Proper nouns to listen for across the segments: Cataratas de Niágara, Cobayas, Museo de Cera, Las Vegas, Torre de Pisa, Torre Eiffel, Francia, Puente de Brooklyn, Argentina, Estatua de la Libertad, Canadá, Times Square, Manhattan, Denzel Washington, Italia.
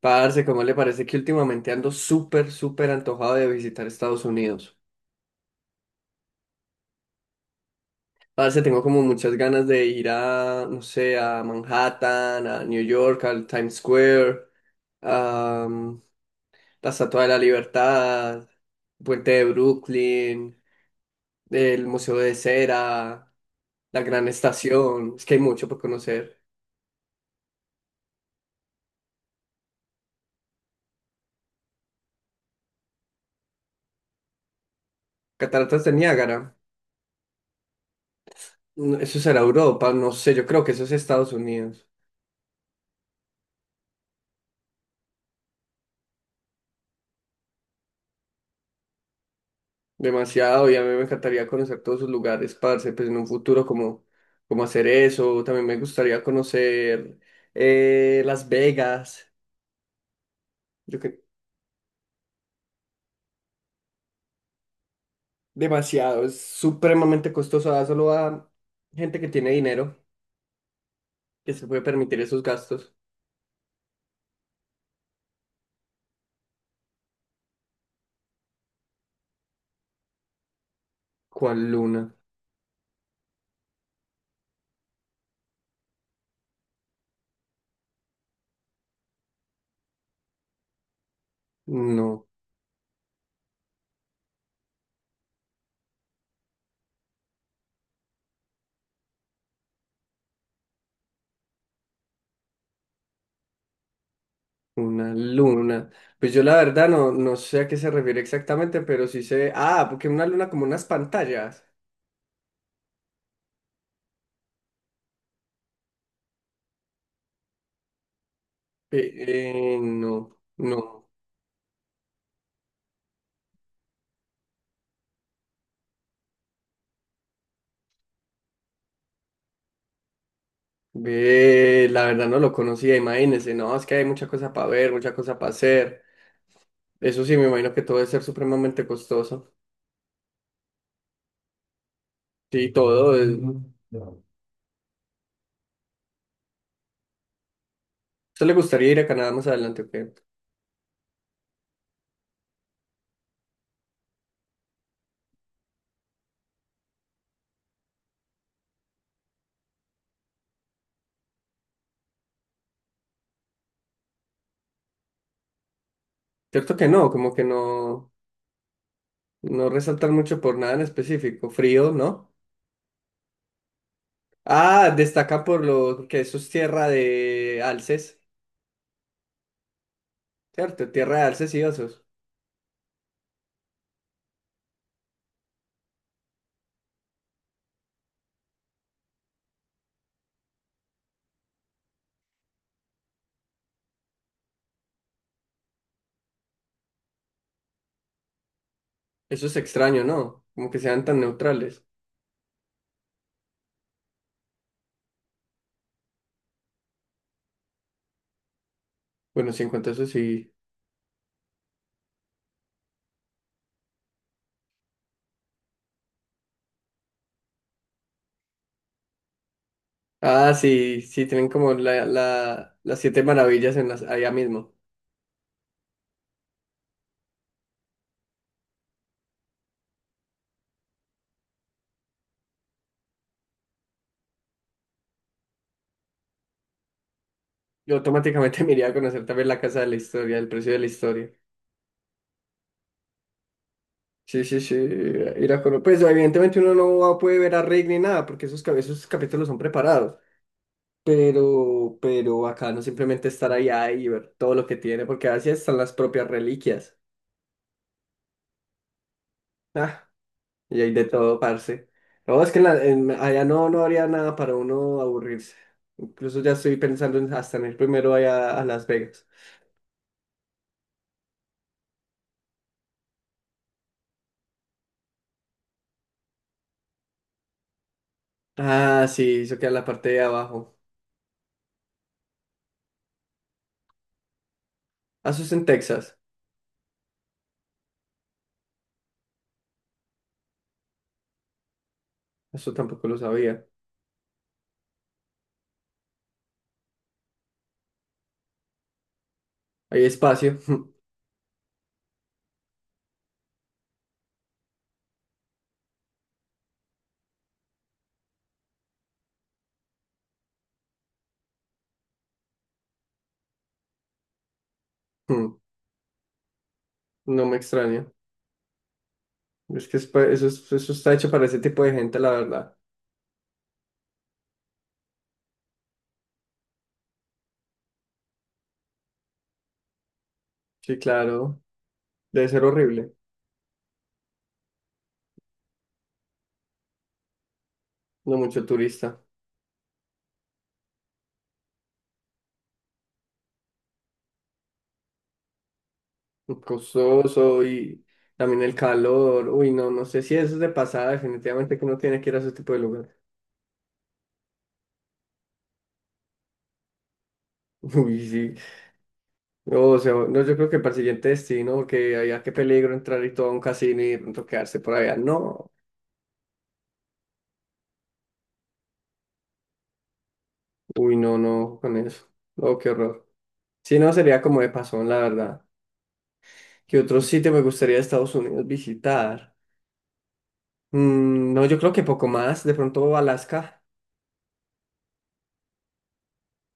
Parce, ¿cómo le parece que últimamente ando súper antojado de visitar Estados Unidos? Parce, tengo como muchas ganas de ir a, no sé, a Manhattan, a New York, al Times Square, a mm, la Estatua de la Libertad, Puente de Brooklyn, el Museo de Cera, la Gran Estación. Es que hay mucho por conocer. Cataratas de Niágara. No, eso será Europa, no sé, yo creo que eso es Estados Unidos. Demasiado, y a mí me encantaría conocer todos sus lugares, parce, pues en un futuro como, como hacer eso, también me gustaría conocer Las Vegas, yo que demasiado, es supremamente costoso, solo a gente que tiene dinero que se puede permitir esos gastos. ¿Cuál luna? No, una luna. Pues yo la verdad no, no sé a qué se refiere exactamente, pero sí sé, porque una luna como unas pantallas. No. Ve, la verdad no lo conocía, imagínese, no, es que hay mucha cosa para ver, mucha cosa para hacer. Eso sí, me imagino que todo debe ser supremamente costoso. Sí, todo. Es- ¿Usted le gustaría ir a Canadá más adelante o qué? Cierto que no, como que no, no resaltan mucho por nada en específico. Frío, ¿no? Ah, destaca por lo que eso es tierra de alces, ¿cierto? Tierra de alces y osos. Eso es extraño, ¿no? Como que sean tan neutrales. Bueno, sí, en cuanto a eso sí. Ah, sí, sí, tienen como las siete maravillas en las, allá mismo. Yo automáticamente me iría a conocer también la casa de la historia, el precio de la historia. Sí, sí, sí, ir a conocer. Pues evidentemente uno no va- puede ver a Rick ni nada, porque esos, cap- esos capítulos son preparados. Pero acá no simplemente estar allá y ver todo lo que tiene, porque así están las propias reliquias. Ah, y hay de todo, parce. No, es que en la- en- allá no, no habría nada para uno aburrirse. Incluso ya estoy pensando en hasta en ir primero allá a Las Vegas. Ah, sí, eso queda en la parte de abajo. Ah, eso es en Texas. Eso tampoco lo sabía. Hay espacio. No me extraña. Es que es pa- eso, es- eso está hecho para ese tipo de gente, la verdad. Sí, claro. Debe ser horrible. No mucho turista. Costoso y también el calor. Uy, no, no sé si eso es de pasada. Definitivamente que uno tiene que ir a ese tipo de lugar. Uy, sí. No, o sea, no, yo creo que para el siguiente destino, que haya qué peligro entrar y todo a un casino y de pronto quedarse por allá. No. Uy, no, no, con eso. Oh, qué horror. Si no, sería como de pasón, la verdad. ¿Qué otro sitio me gustaría de Estados Unidos visitar? Mm, no, yo creo que poco más. De pronto Alaska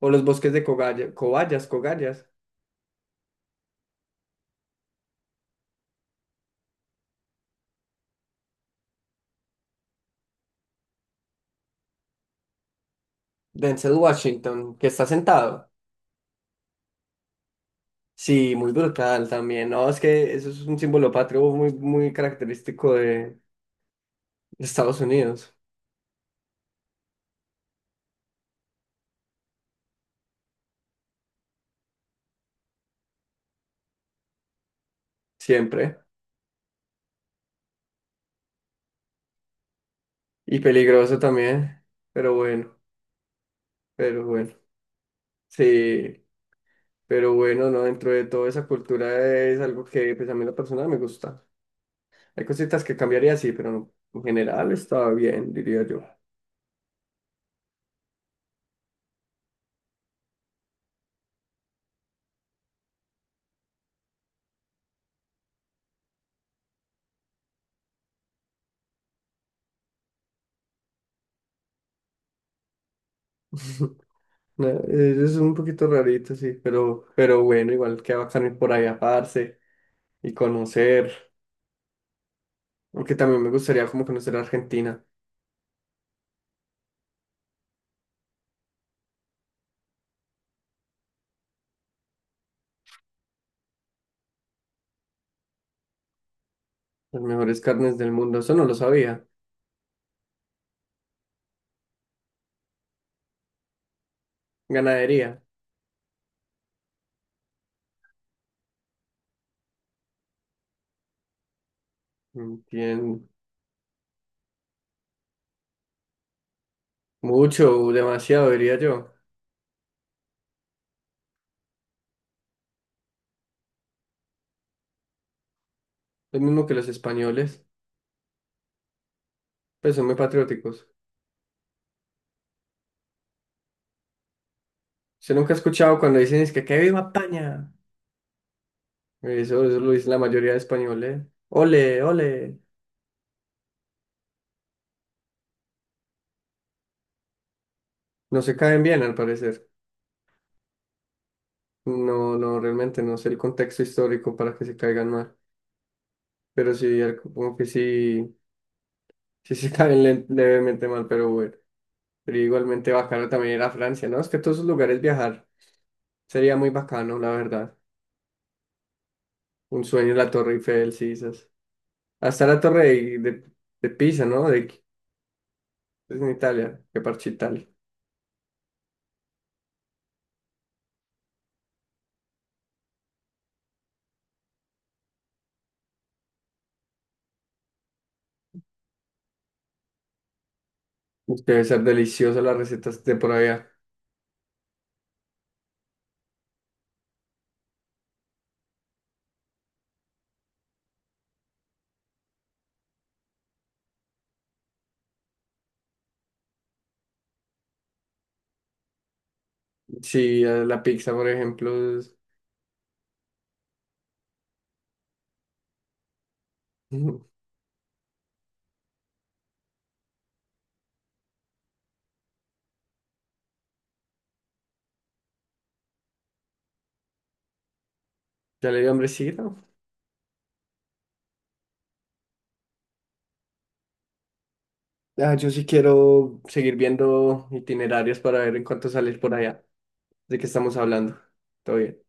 o los bosques de Cogaya, Cobayas, Cobayas. Denzel Washington, que está sentado. Sí, muy brutal también. No, es que eso es un símbolo patrio muy, muy característico de Estados Unidos. Siempre. Y peligroso también. Pero bueno, pero bueno. Sí. Pero bueno, no, dentro de toda esa cultura es algo que pues a mí en lo personal me gusta. Hay cositas que cambiaría, sí, pero no, en general estaba bien, diría yo. No, eso es un poquito rarito, sí, pero bueno, igual que bacano ir por allá, parce, y conocer, aunque también me gustaría como conocer Argentina, las mejores carnes del mundo, eso no lo sabía. Ganadería, tienen mucho, demasiado, diría yo. Lo mismo que los españoles, pues son muy patrióticos. Yo nunca he escuchado cuando dicen es que viva España. Eso lo dice la mayoría de españoles. Ole, ole. No se caen bien, al parecer. No, no, realmente no sé el contexto histórico para que se caigan mal. Pero sí, al- como que sí, sí se caen le- levemente mal, pero bueno. Pero igualmente bacano también ir a Francia, ¿no? Es que a todos esos lugares viajar sería muy bacano, la verdad. Un sueño la Torre Eiffel, sí, esas. Hasta la Torre de Pisa, ¿no? De, es en Italia, que parche Italia. Debe ser deliciosa las recetas de por allá. Sí, la pizza, por ejemplo, es- Ujú. Ya le dio hambrecita. Ah, yo sí quiero seguir viendo itinerarios para ver en cuánto salir por allá. ¿De qué estamos hablando? Todo bien.